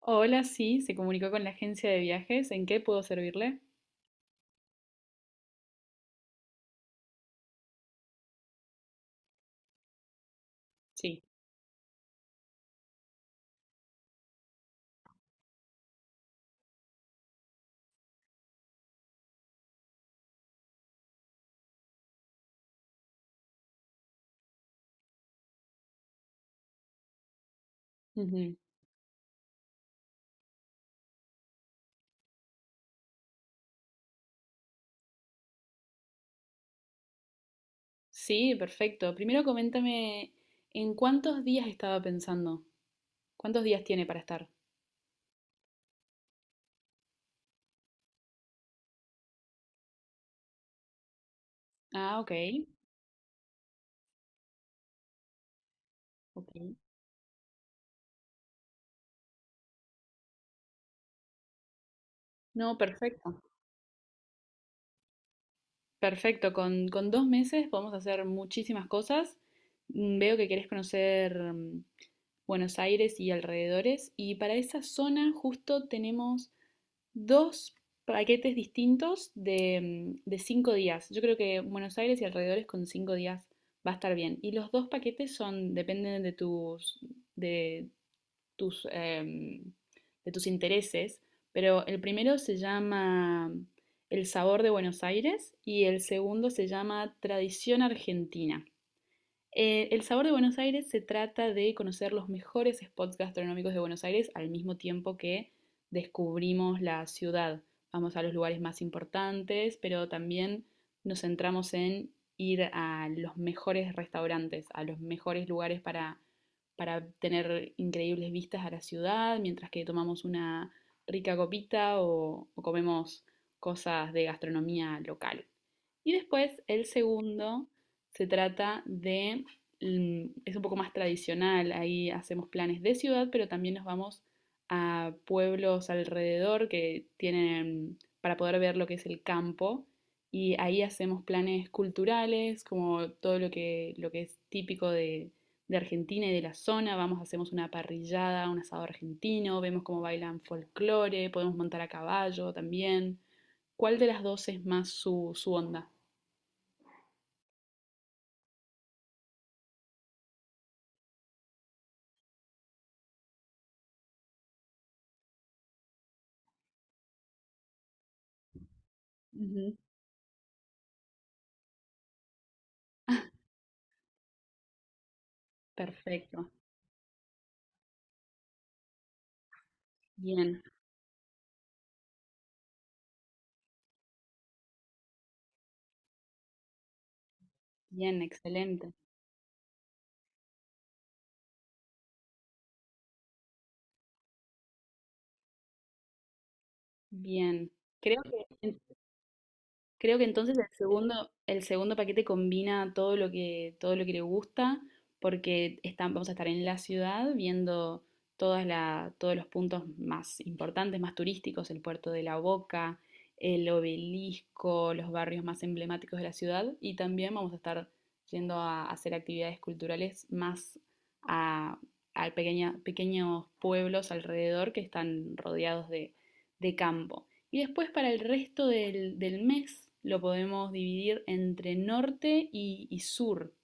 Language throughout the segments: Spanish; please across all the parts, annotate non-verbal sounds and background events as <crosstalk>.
Hola, sí, se comunicó con la agencia de viajes. ¿En qué puedo servirle? Sí. Ujú. Sí, perfecto. Primero coméntame en cuántos días estaba pensando. ¿Cuántos días tiene para estar? Ah, ok. Ok. No, perfecto. Perfecto. Con 2 meses podemos hacer muchísimas cosas. Veo que querés conocer Buenos Aires y alrededores. Y para esa zona justo tenemos dos paquetes distintos de 5 días. Yo creo que Buenos Aires y alrededores con 5 días va a estar bien. Y los dos paquetes son, dependen de tus, em, de tus intereses, pero el primero se llama El sabor de Buenos Aires y el segundo se llama Tradición Argentina. El Sabor de Buenos Aires se trata de conocer los mejores spots gastronómicos de Buenos Aires al mismo tiempo que descubrimos la ciudad. Vamos a los lugares más importantes, pero también nos centramos en ir a los mejores restaurantes, a los mejores lugares para tener increíbles vistas a la ciudad, mientras que tomamos una rica copita o comemos cosas de gastronomía local. Y después, el segundo se trata de es un poco más tradicional. Ahí hacemos planes de ciudad, pero también nos vamos a pueblos alrededor que tienen para poder ver lo que es el campo. Y ahí hacemos planes culturales, como todo lo que es típico de Argentina y de la zona. Vamos, hacemos una parrillada, un asado argentino, vemos cómo bailan folclore, podemos montar a caballo también. ¿Cuál de las dos es más su onda? Ujú. Perfecto. Bien, bien, excelente. Bien. Creo que, en- creo que entonces el segundo paquete combina todo lo que le gusta, porque vamos a estar en la ciudad viendo todos los puntos más importantes, más turísticos, el puerto de La Boca, el obelisco, los barrios más emblemáticos de la ciudad, y también vamos a estar yendo a hacer actividades culturales más a, a pequeños pueblos alrededor que están rodeados de campo. Y después para el resto del mes lo podemos dividir entre norte y sur.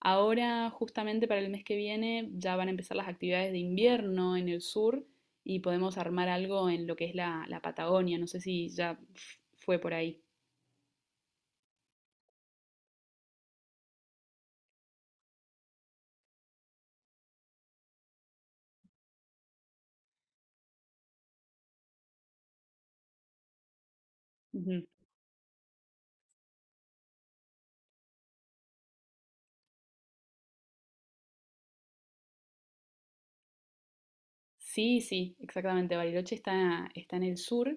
Ahora, justamente para el mes que viene, ya van a empezar las actividades de invierno en el sur y podemos armar algo en lo que es la Patagonia. No sé si ya fue por ahí. Ujú. Sí, sí, exactamente. Bariloche está en el sur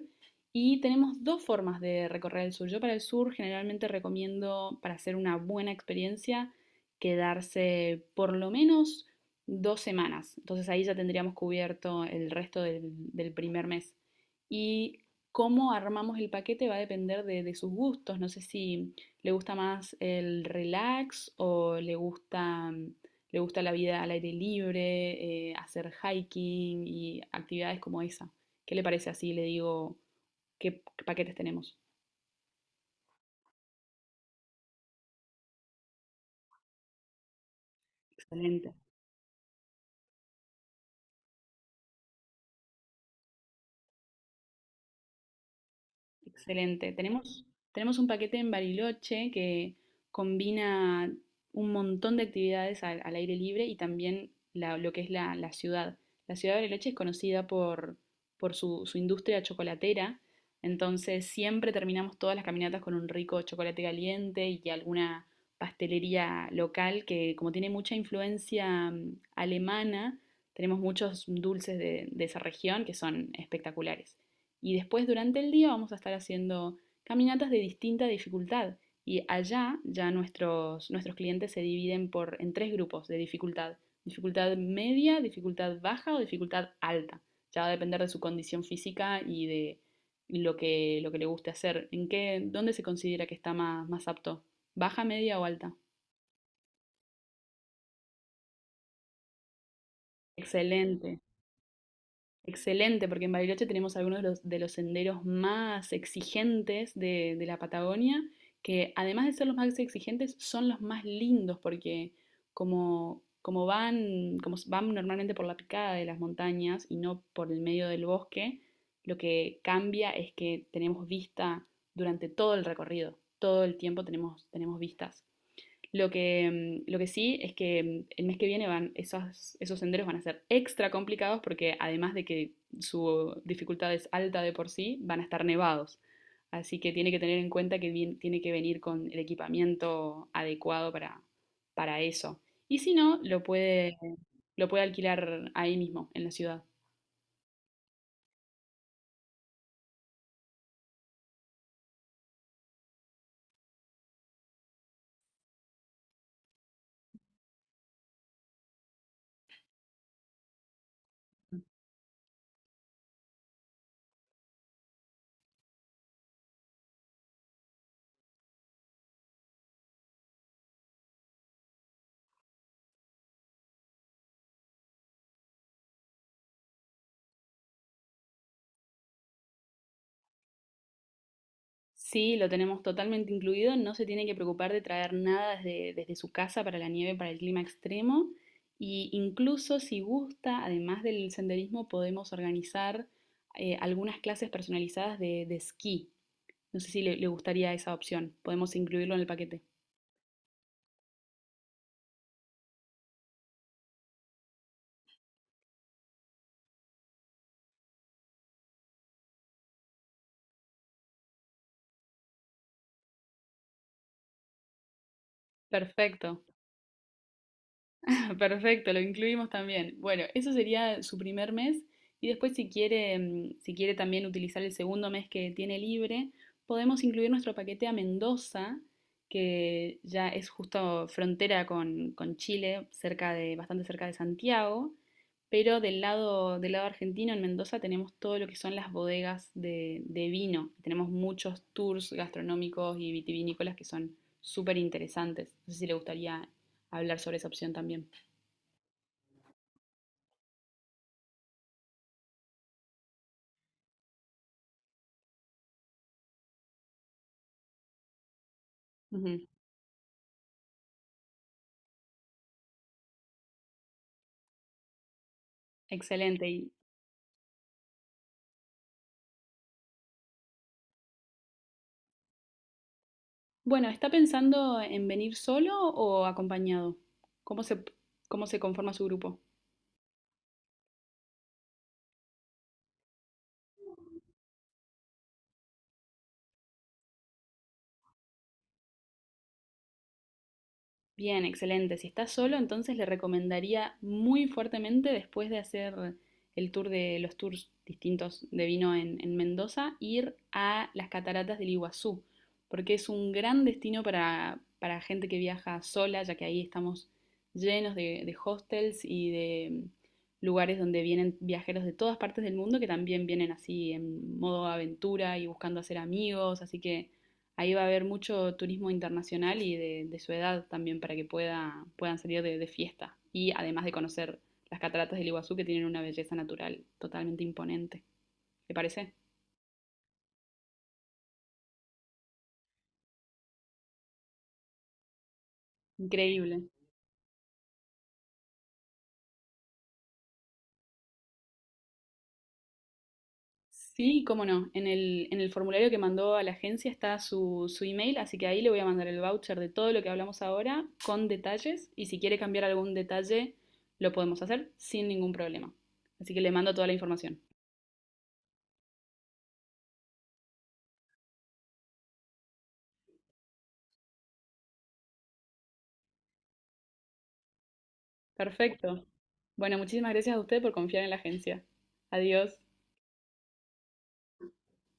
y tenemos dos formas de recorrer el sur. Yo para el sur generalmente recomiendo, para hacer una buena experiencia, quedarse por lo menos 2 semanas. Entonces ahí ya tendríamos cubierto el resto del primer mes. Y cómo armamos el paquete va a depender de sus gustos. No sé si le gusta más el relax o le gusta la vida al aire libre, hacer hiking y actividades como esa. ¿Qué le parece así? Le digo, ¿qué paquetes tenemos? Excelente. Excelente. Tenemos un paquete en Bariloche que combina un montón de actividades al aire libre y también lo que es la ciudad. La ciudad de Bariloche es conocida por su industria chocolatera, entonces siempre terminamos todas las caminatas con un rico chocolate caliente y alguna pastelería local que como tiene mucha influencia alemana, tenemos muchos dulces de esa región que son espectaculares. Y después durante el día vamos a estar haciendo caminatas de distinta dificultad. Y allá ya nuestros clientes se dividen en tres grupos de dificultad. Dificultad media, dificultad baja o dificultad alta. Ya va a depender de su condición física y de lo que, le guste hacer. ¿Dónde se considera que está más apto? ¿Baja, media o alta? Excelente. Excelente, porque en Bariloche tenemos algunos de los senderos más exigentes de la Patagonia, que además de ser los más exigentes, son los más lindos, porque como van normalmente por la picada de las montañas y no por el medio del bosque, lo que cambia es que tenemos vista durante todo el recorrido, todo el tiempo tenemos vistas. Lo que, lo que sí es que el mes que viene esos senderos van a ser extra complicados porque además de que su dificultad es alta de por sí, van a estar nevados. Así que tiene que tener en cuenta que tiene que venir con el equipamiento adecuado para eso. Y si no, lo puede alquilar ahí mismo, en la ciudad. Sí, lo tenemos totalmente incluido, no se tiene que preocupar de traer nada desde su casa para la nieve, para el clima extremo. Y incluso si gusta, además del senderismo, podemos organizar algunas clases personalizadas de esquí. No sé si le gustaría esa opción. Podemos incluirlo en el paquete. Perfecto. <laughs> Perfecto, lo incluimos también. Bueno, eso sería su primer mes y después si quiere también utilizar el segundo mes que tiene libre, podemos incluir nuestro paquete a Mendoza, que ya es justo frontera con Chile, bastante cerca de Santiago, pero del lado argentino, en Mendoza, tenemos todo lo que son las bodegas de vino. Tenemos muchos tours gastronómicos y vitivinícolas que son súper interesantes. No sé si le gustaría hablar sobre esa opción también. Ujú. Excelente. Y bueno, ¿está pensando en venir solo o acompañado? ¿Cómo se, cómo se conforma su grupo? Bien, excelente. Si estás solo, entonces le recomendaría muy fuertemente después de hacer el tour de los tours distintos de vino en Mendoza, ir a las cataratas del Iguazú, porque es un gran destino para gente que viaja sola, ya que ahí estamos llenos de hostels y de lugares donde vienen viajeros de todas partes del mundo que también vienen así en modo aventura y buscando hacer amigos, así que ahí va a haber mucho turismo internacional y de su edad también para que puedan salir de fiesta. Y además de conocer las cataratas del Iguazú que tienen una belleza natural totalmente imponente. ¿Te parece? Increíble. Sí, cómo no. En el formulario que mandó a la agencia está su email, así que ahí le voy a mandar el voucher de todo lo que hablamos ahora con detalles y si quiere cambiar algún detalle lo podemos hacer sin ningún problema. Así que le mando toda la información. Perfecto. Bueno, muchísimas gracias a usted por confiar en la agencia. Adiós.